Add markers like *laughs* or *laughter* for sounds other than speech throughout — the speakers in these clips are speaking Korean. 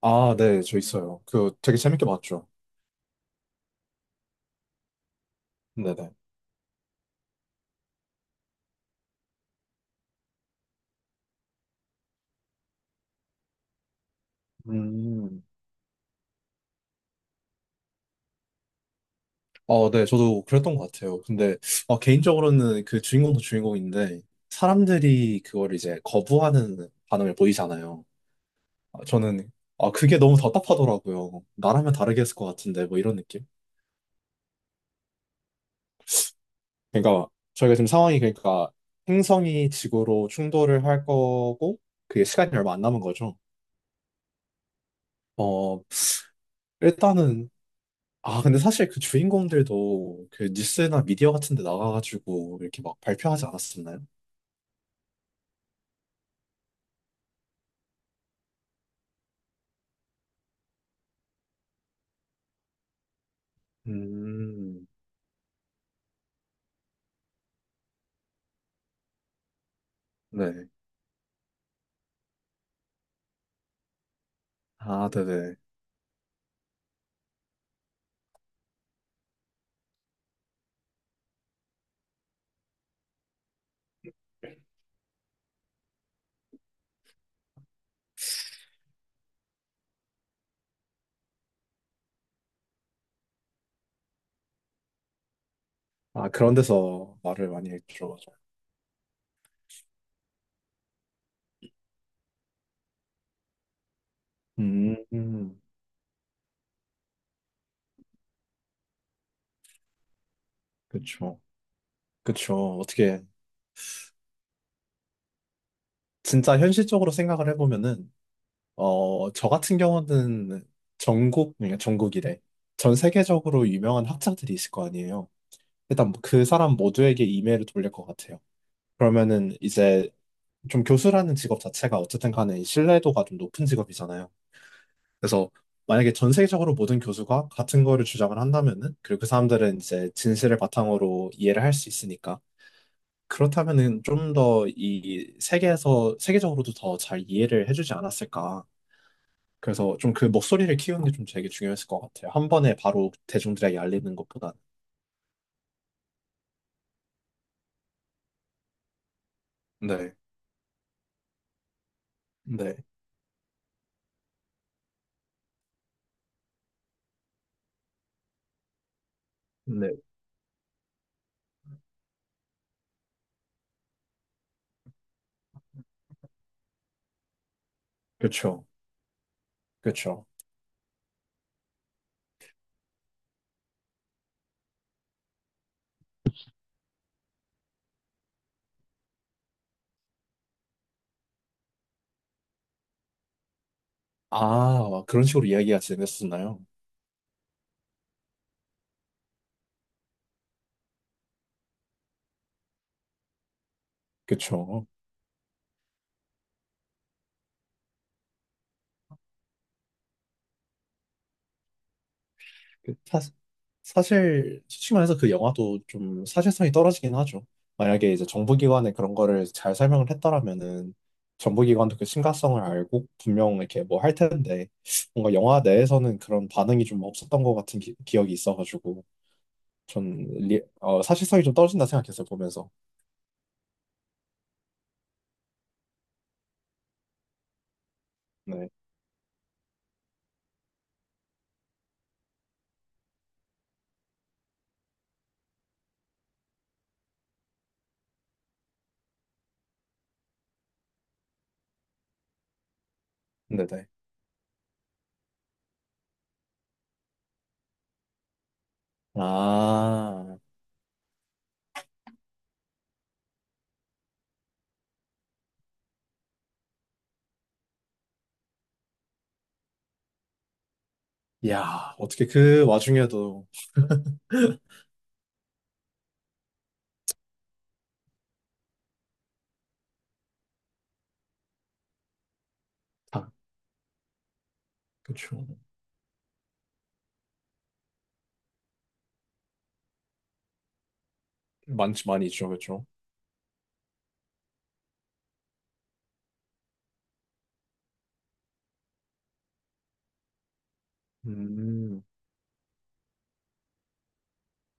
아, 네, 저 있어요. 그 되게 재밌게 봤죠. 네네. 음, 어, 네, 저도 그랬던 것 같아요. 근데 개인적으로는 그 주인공도 주인공인데 사람들이 그걸 이제 거부하는 반응을 보이잖아요. 아, 저는 아, 그게 너무 답답하더라고요. 나라면 다르게 했을 것 같은데 뭐 이런 느낌? 그러니까 저희가 지금 상황이 그러니까 행성이 지구로 충돌을 할 거고 그게 시간이 얼마 안 남은 거죠. 어, 일단은 아, 근데 사실 그 주인공들도 그 뉴스나 미디어 같은 데 나가가지고 이렇게 막 발표하지 않았었나요? 음, 네. 아, 네네. 아, 그런 데서 말을 많이 들어가죠. 음, 음, 그쵸. 그쵸. 어떻게, 진짜 현실적으로 생각을 해보면은, 저 같은 경우는 그러니까 전국이래. 전 세계적으로 유명한 학자들이 있을 거 아니에요. 일단 그 사람 모두에게 이메일을 돌릴 것 같아요. 그러면은 이제 좀 교수라는 직업 자체가 어쨌든 간에 이 신뢰도가 좀 높은 직업이잖아요. 그래서 만약에 전 세계적으로 모든 교수가 같은 거를 주장을 한다면은, 그리고 그 사람들은 이제 진실을 바탕으로 이해를 할 수 있으니까, 그렇다면은 좀 더 이 세계적으로도 더 잘 이해를 해주지 않았을까. 그래서 좀 그 목소리를 키우는 게 좀 되게 중요했을 것 같아요. 한 번에 바로 대중들에게 알리는 것보다는. 네, 네, 네. 그쵸, 그쵸. 아, 그런 식으로 이야기가 진행됐었나요? 그쵸. 그 사- 사실 솔직히 말해서 그 영화도 좀 사실성이 떨어지긴 하죠. 만약에 이제 정부기관에 그런 거를 잘 설명을 했더라면은 정부기관도 그 심각성을 알고 분명 이렇게 뭐 할 텐데 뭔가 영화 내에서는 그런 반응이 좀 없었던 것 같은 기, 억이 있어가지고 전 사실성이 좀 떨어진다 생각했어요 보면서. 네, 네, 네. 아, 야 어떻게 그 와중에도 아, 그쵸. 많지 많이 있죠, 그쵸. 음,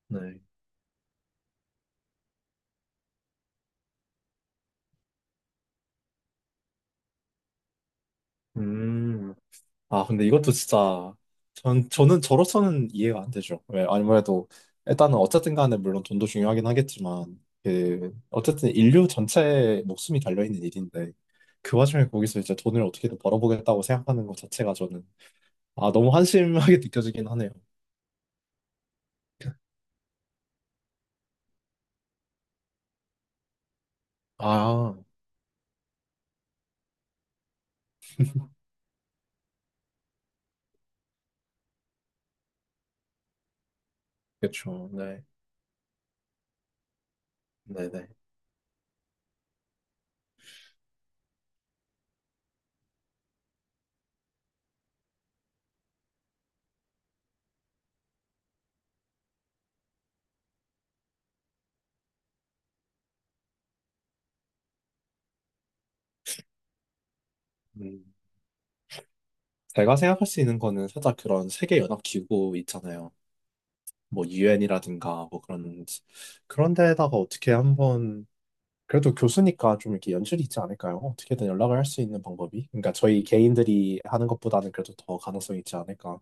네. 음. 아, 근데 이것도 진짜, 저는 저로서는 이해가 안 되죠. 왜, 아무래도, 일단은 어쨌든 간에 물론 돈도 중요하긴 하겠지만, 그, 어쨌든 인류 전체의 목숨이 달려있는 일인데, 그 와중에 거기서 이제 돈을 어떻게든 벌어보겠다고 생각하는 것 자체가 저는, 아, 너무 한심하게 *laughs* 느껴지긴 하네요. 아, 그렇죠. 네, 네, 네. 음, 제가 생각할 수 있는 거는 살짝 그런 세계연합기구 있잖아요. 뭐, 유엔이라든가, 뭐 그런, 그런 데에다가 어떻게 한번 그래도 교수니까 좀 이렇게 연출이 있지 않을까요? 어떻게든 연락을 할 수 있는 방법이. 그러니까 저희 개인들이 하는 것보다는 그래도 더 가능성이 있지 않을까.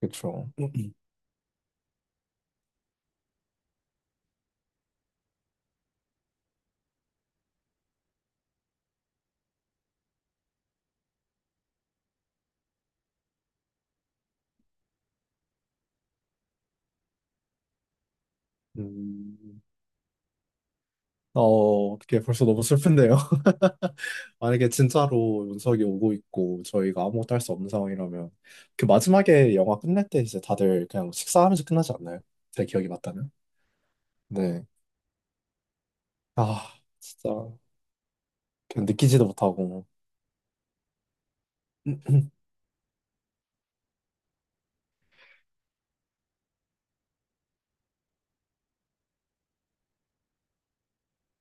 그쵸. 음, 어, 어떻게 벌써 너무 슬픈데요? *laughs* 만약에 진짜로 윤석이 오고 있고 저희가 아무것도 할 수 없는 상황이라면 그 마지막에 영화 끝날 때 이제 다들 그냥 식사하면서 끝나지 않나요? 제 기억이 맞다면. 네. 아, 진짜 그냥 느끼지도 못하고. *clears throat*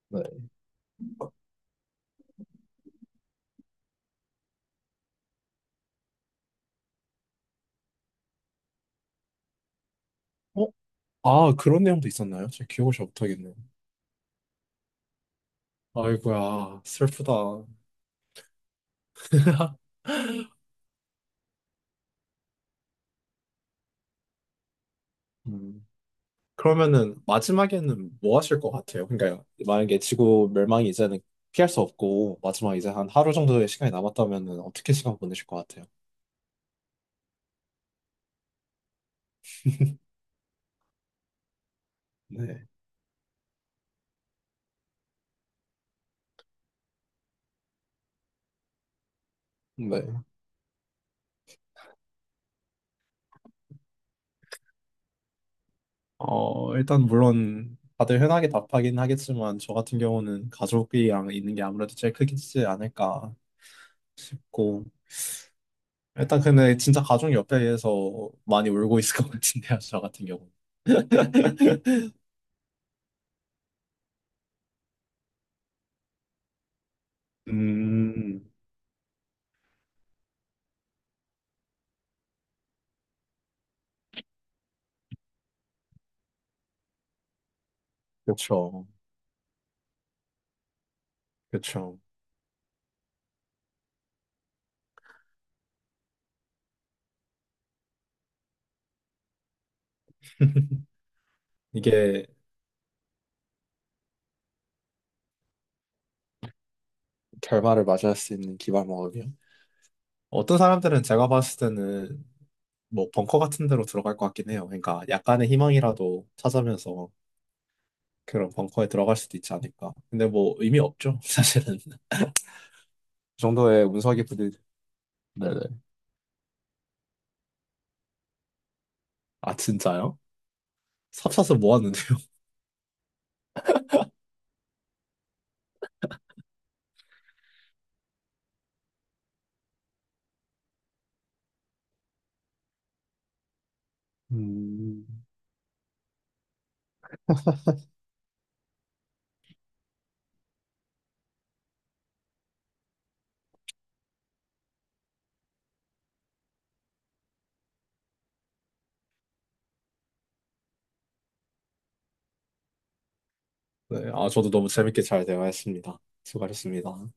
네. 어? 아, 그런 내용도 있었나요? 제 기억을 잘 못하겠네요. 아이고야, 슬프다. *laughs* 음. 그러면은 마지막에는 뭐 하실 것 같아요? 그러니까 만약에 지구 멸망이 이제는 피할 수 없고 마지막 이제 한 하루 정도의 시간이 남았다면은 어떻게 시간 보내실 것 같아요? 네. 네. 어, 일단 물론 다들 흔하게 답하긴 하겠지만 저 같은 경우는 가족이랑 있는 게 아무래도 제일 크지 않을까 싶고 일단 근데 진짜 가족 옆에서 많이 울고 있을 것 같은데요, 저 같은 경우는. 음, 그렇죠. 그렇죠. *laughs* 이게 결말을 맞이할 수 있는 기발목이요. 어떤 사람들은 제가 봤을 때는 뭐 벙커 같은 데로 들어갈 것 같긴 해요. 그러니까 약간의 희망이라도 찾으면서 그런 벙커에 들어갈 수도 있지 않을까. 근데 뭐 의미 없죠, *laughs* 사실은. 그 정도의 운석이 부딪. 네네. 아 진짜요? 삽사서 모았는데요. *laughs* 음. 네, 아 저도 너무 재밌게 잘 대화했습니다. 수고하셨습니다.